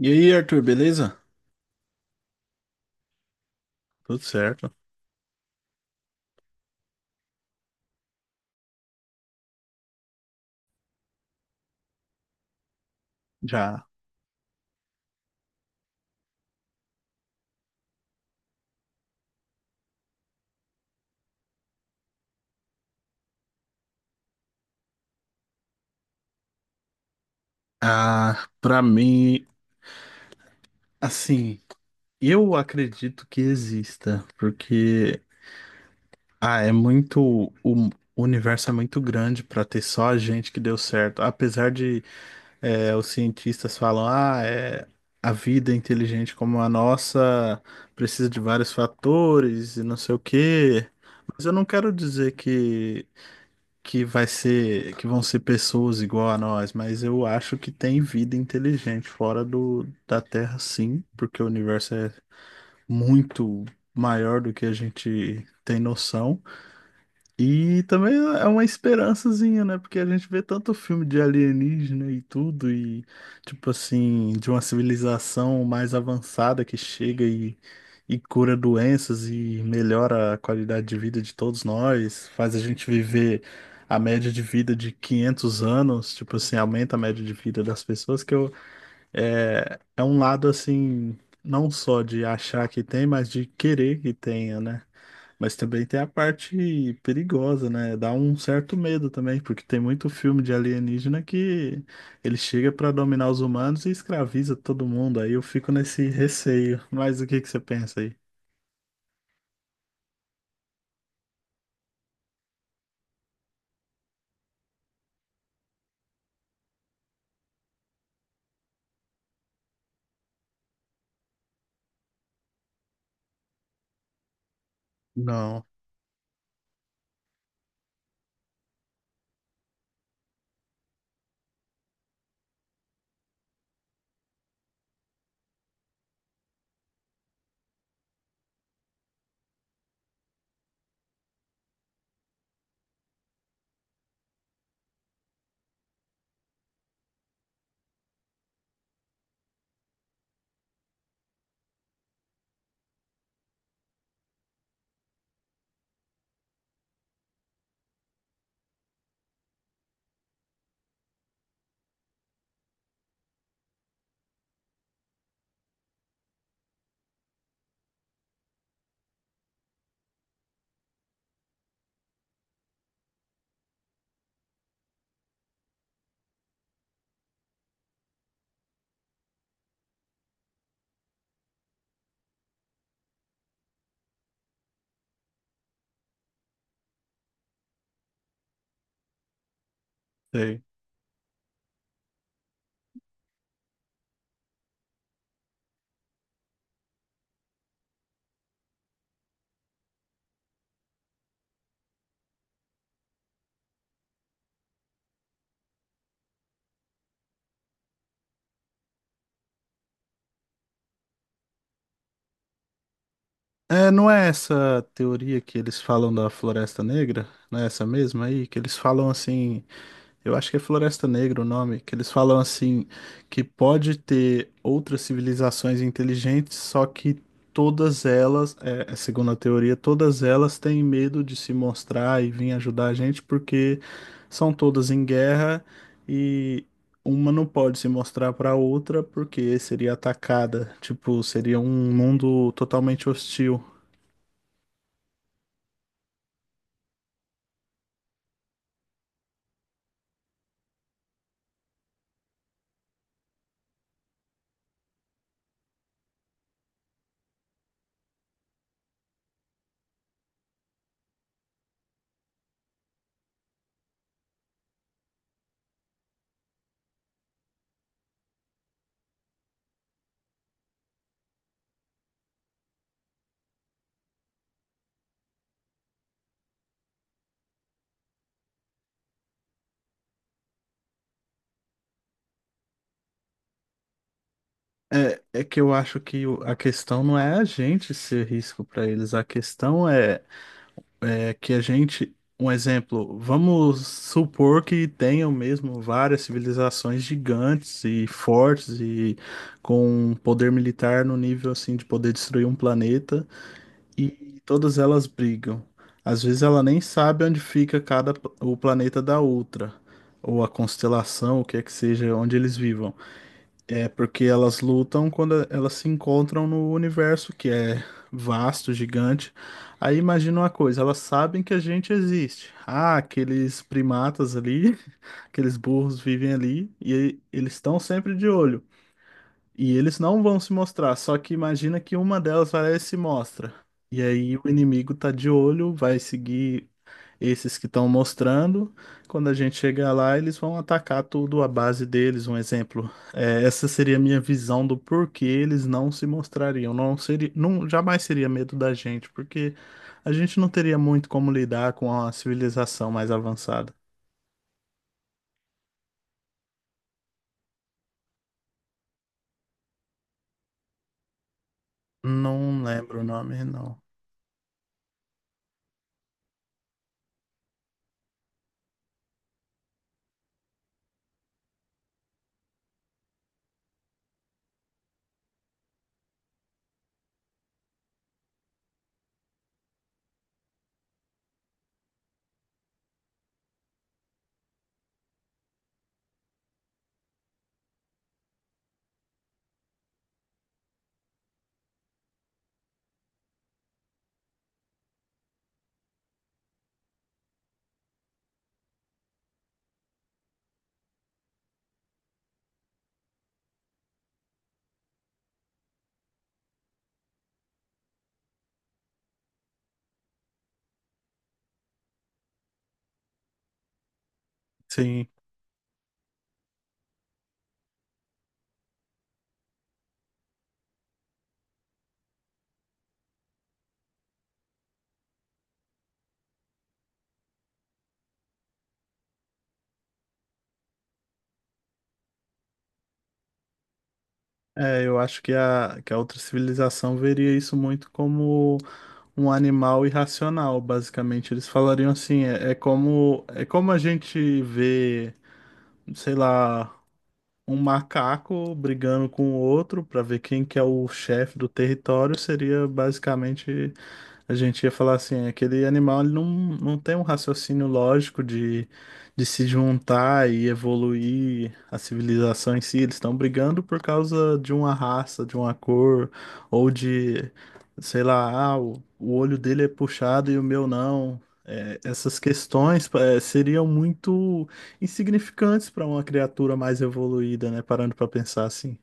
E aí, Arthur, beleza? Tudo certo? Já. Ah, pra mim, assim, eu acredito que exista, porque muito o universo é muito grande pra ter só a gente que deu certo. Apesar de os cientistas falam, a vida é inteligente como a nossa precisa de vários fatores e não sei o quê. Mas eu não quero dizer que vai ser, que vão ser pessoas igual a nós, mas eu acho que tem vida inteligente fora da Terra, sim, porque o universo é muito maior do que a gente tem noção. E também é uma esperançazinha, né? Porque a gente vê tanto filme de alienígena e tudo, e tipo assim, de uma civilização mais avançada que chega e cura doenças e melhora a qualidade de vida de todos nós, faz a gente viver a média de vida de 500 anos, tipo assim, aumenta a média de vida das pessoas, que eu, é um lado assim, não só de achar que tem, mas de querer que tenha, né? Mas também tem a parte perigosa, né? Dá um certo medo também, porque tem muito filme de alienígena que ele chega pra dominar os humanos e escraviza todo mundo. Aí eu fico nesse receio. Mas o que que você pensa aí? Não, sei. É, não é essa teoria que eles falam da Floresta Negra? Não é essa mesma aí? Que eles falam assim. Eu acho que é Floresta Negra o nome, que eles falam assim, que pode ter outras civilizações inteligentes, só que todas elas, segundo a teoria, todas elas têm medo de se mostrar e vir ajudar a gente porque são todas em guerra e uma não pode se mostrar para outra porque seria atacada, tipo, seria um mundo totalmente hostil. É que eu acho que a questão não é a gente ser risco para eles, a questão é que a gente, um exemplo, vamos supor que tenham mesmo várias civilizações gigantes e fortes e com um poder militar no nível assim de poder destruir um planeta e todas elas brigam. Às vezes ela nem sabe onde fica cada o planeta da outra, ou a constelação, o que é que seja, onde eles vivam. É porque elas lutam quando elas se encontram no universo, que é vasto, gigante. Aí imagina uma coisa, elas sabem que a gente existe. Ah, aqueles primatas ali, aqueles burros vivem ali e eles estão sempre de olho. E eles não vão se mostrar, só que imagina que uma delas vai lá e se mostra. E aí o inimigo tá de olho, vai seguir esses que estão mostrando. Quando a gente chegar lá, eles vão atacar tudo à base deles. Um exemplo, é, essa seria a minha visão do porquê eles não se mostrariam. Não seria, não, jamais seria medo da gente, porque a gente não teria muito como lidar com a civilização mais avançada. Não lembro o nome, não. Sim. É, eu acho que que a outra civilização veria isso muito como um animal irracional, basicamente. Eles falariam assim, é como a gente vê sei lá, um macaco brigando com o outro para ver quem que é o chefe do território seria basicamente a gente ia falar assim, aquele animal ele não, não tem um raciocínio lógico de se juntar e evoluir a civilização em si. Eles estão brigando por causa de uma raça, de uma cor, ou de, sei lá, ah, o olho dele é puxado e o meu não. É, essas questões seriam muito insignificantes para uma criatura mais evoluída, né? Parando para pensar assim.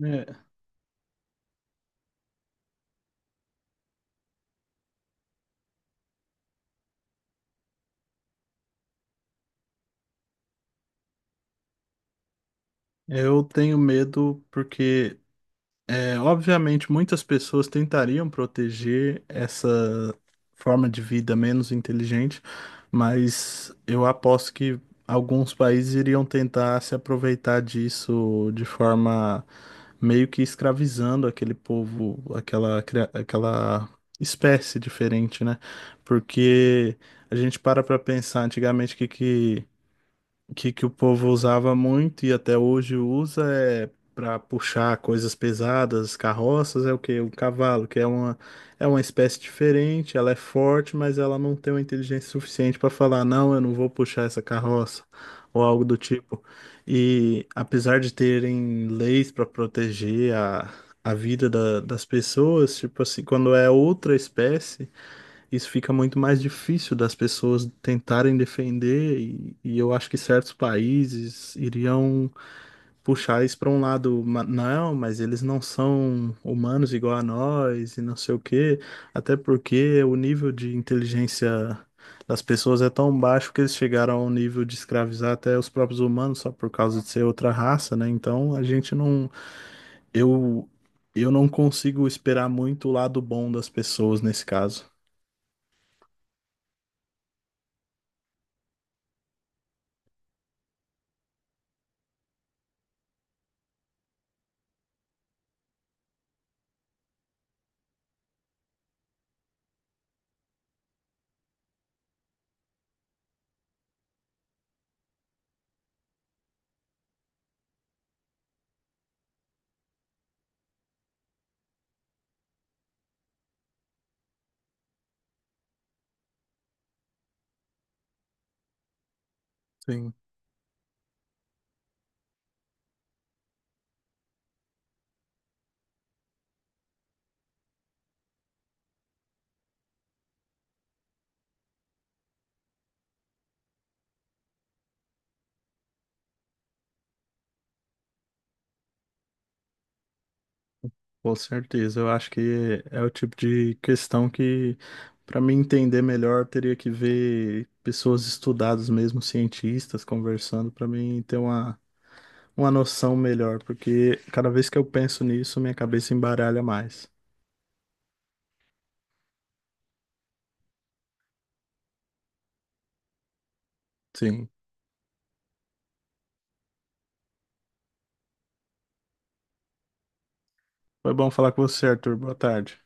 É, eu tenho medo porque É, obviamente, muitas pessoas tentariam proteger essa forma de vida menos inteligente, mas eu aposto que alguns países iriam tentar se aproveitar disso de forma meio que escravizando aquele povo, aquela espécie diferente, né? Porque a gente para pensar antigamente o que, que o povo usava muito e até hoje usa é para puxar coisas pesadas, carroças, é o quê? O cavalo, que é uma espécie diferente, ela é forte, mas ela não tem uma inteligência suficiente para falar, não, eu não vou puxar essa carroça, ou algo do tipo. E apesar de terem leis para proteger a vida das pessoas, tipo assim, quando é outra espécie isso fica muito mais difícil das pessoas tentarem defender, e eu acho que certos países iriam puxar isso para um lado, mas eles não são humanos igual a nós, e não sei o quê, até porque o nível de inteligência das pessoas é tão baixo que eles chegaram ao nível de escravizar até os próprios humanos só por causa de ser outra raça, né? Então a gente não. Eu, eu não consigo esperar muito o lado bom das pessoas nesse caso. Sim. Com certeza, eu acho que é o tipo de questão que, para me entender melhor, teria que ver pessoas estudadas mesmo, cientistas, conversando, para mim ter uma noção melhor, porque cada vez que eu penso nisso, minha cabeça embaralha mais. Sim. Foi bom falar com você, Arthur. Boa tarde.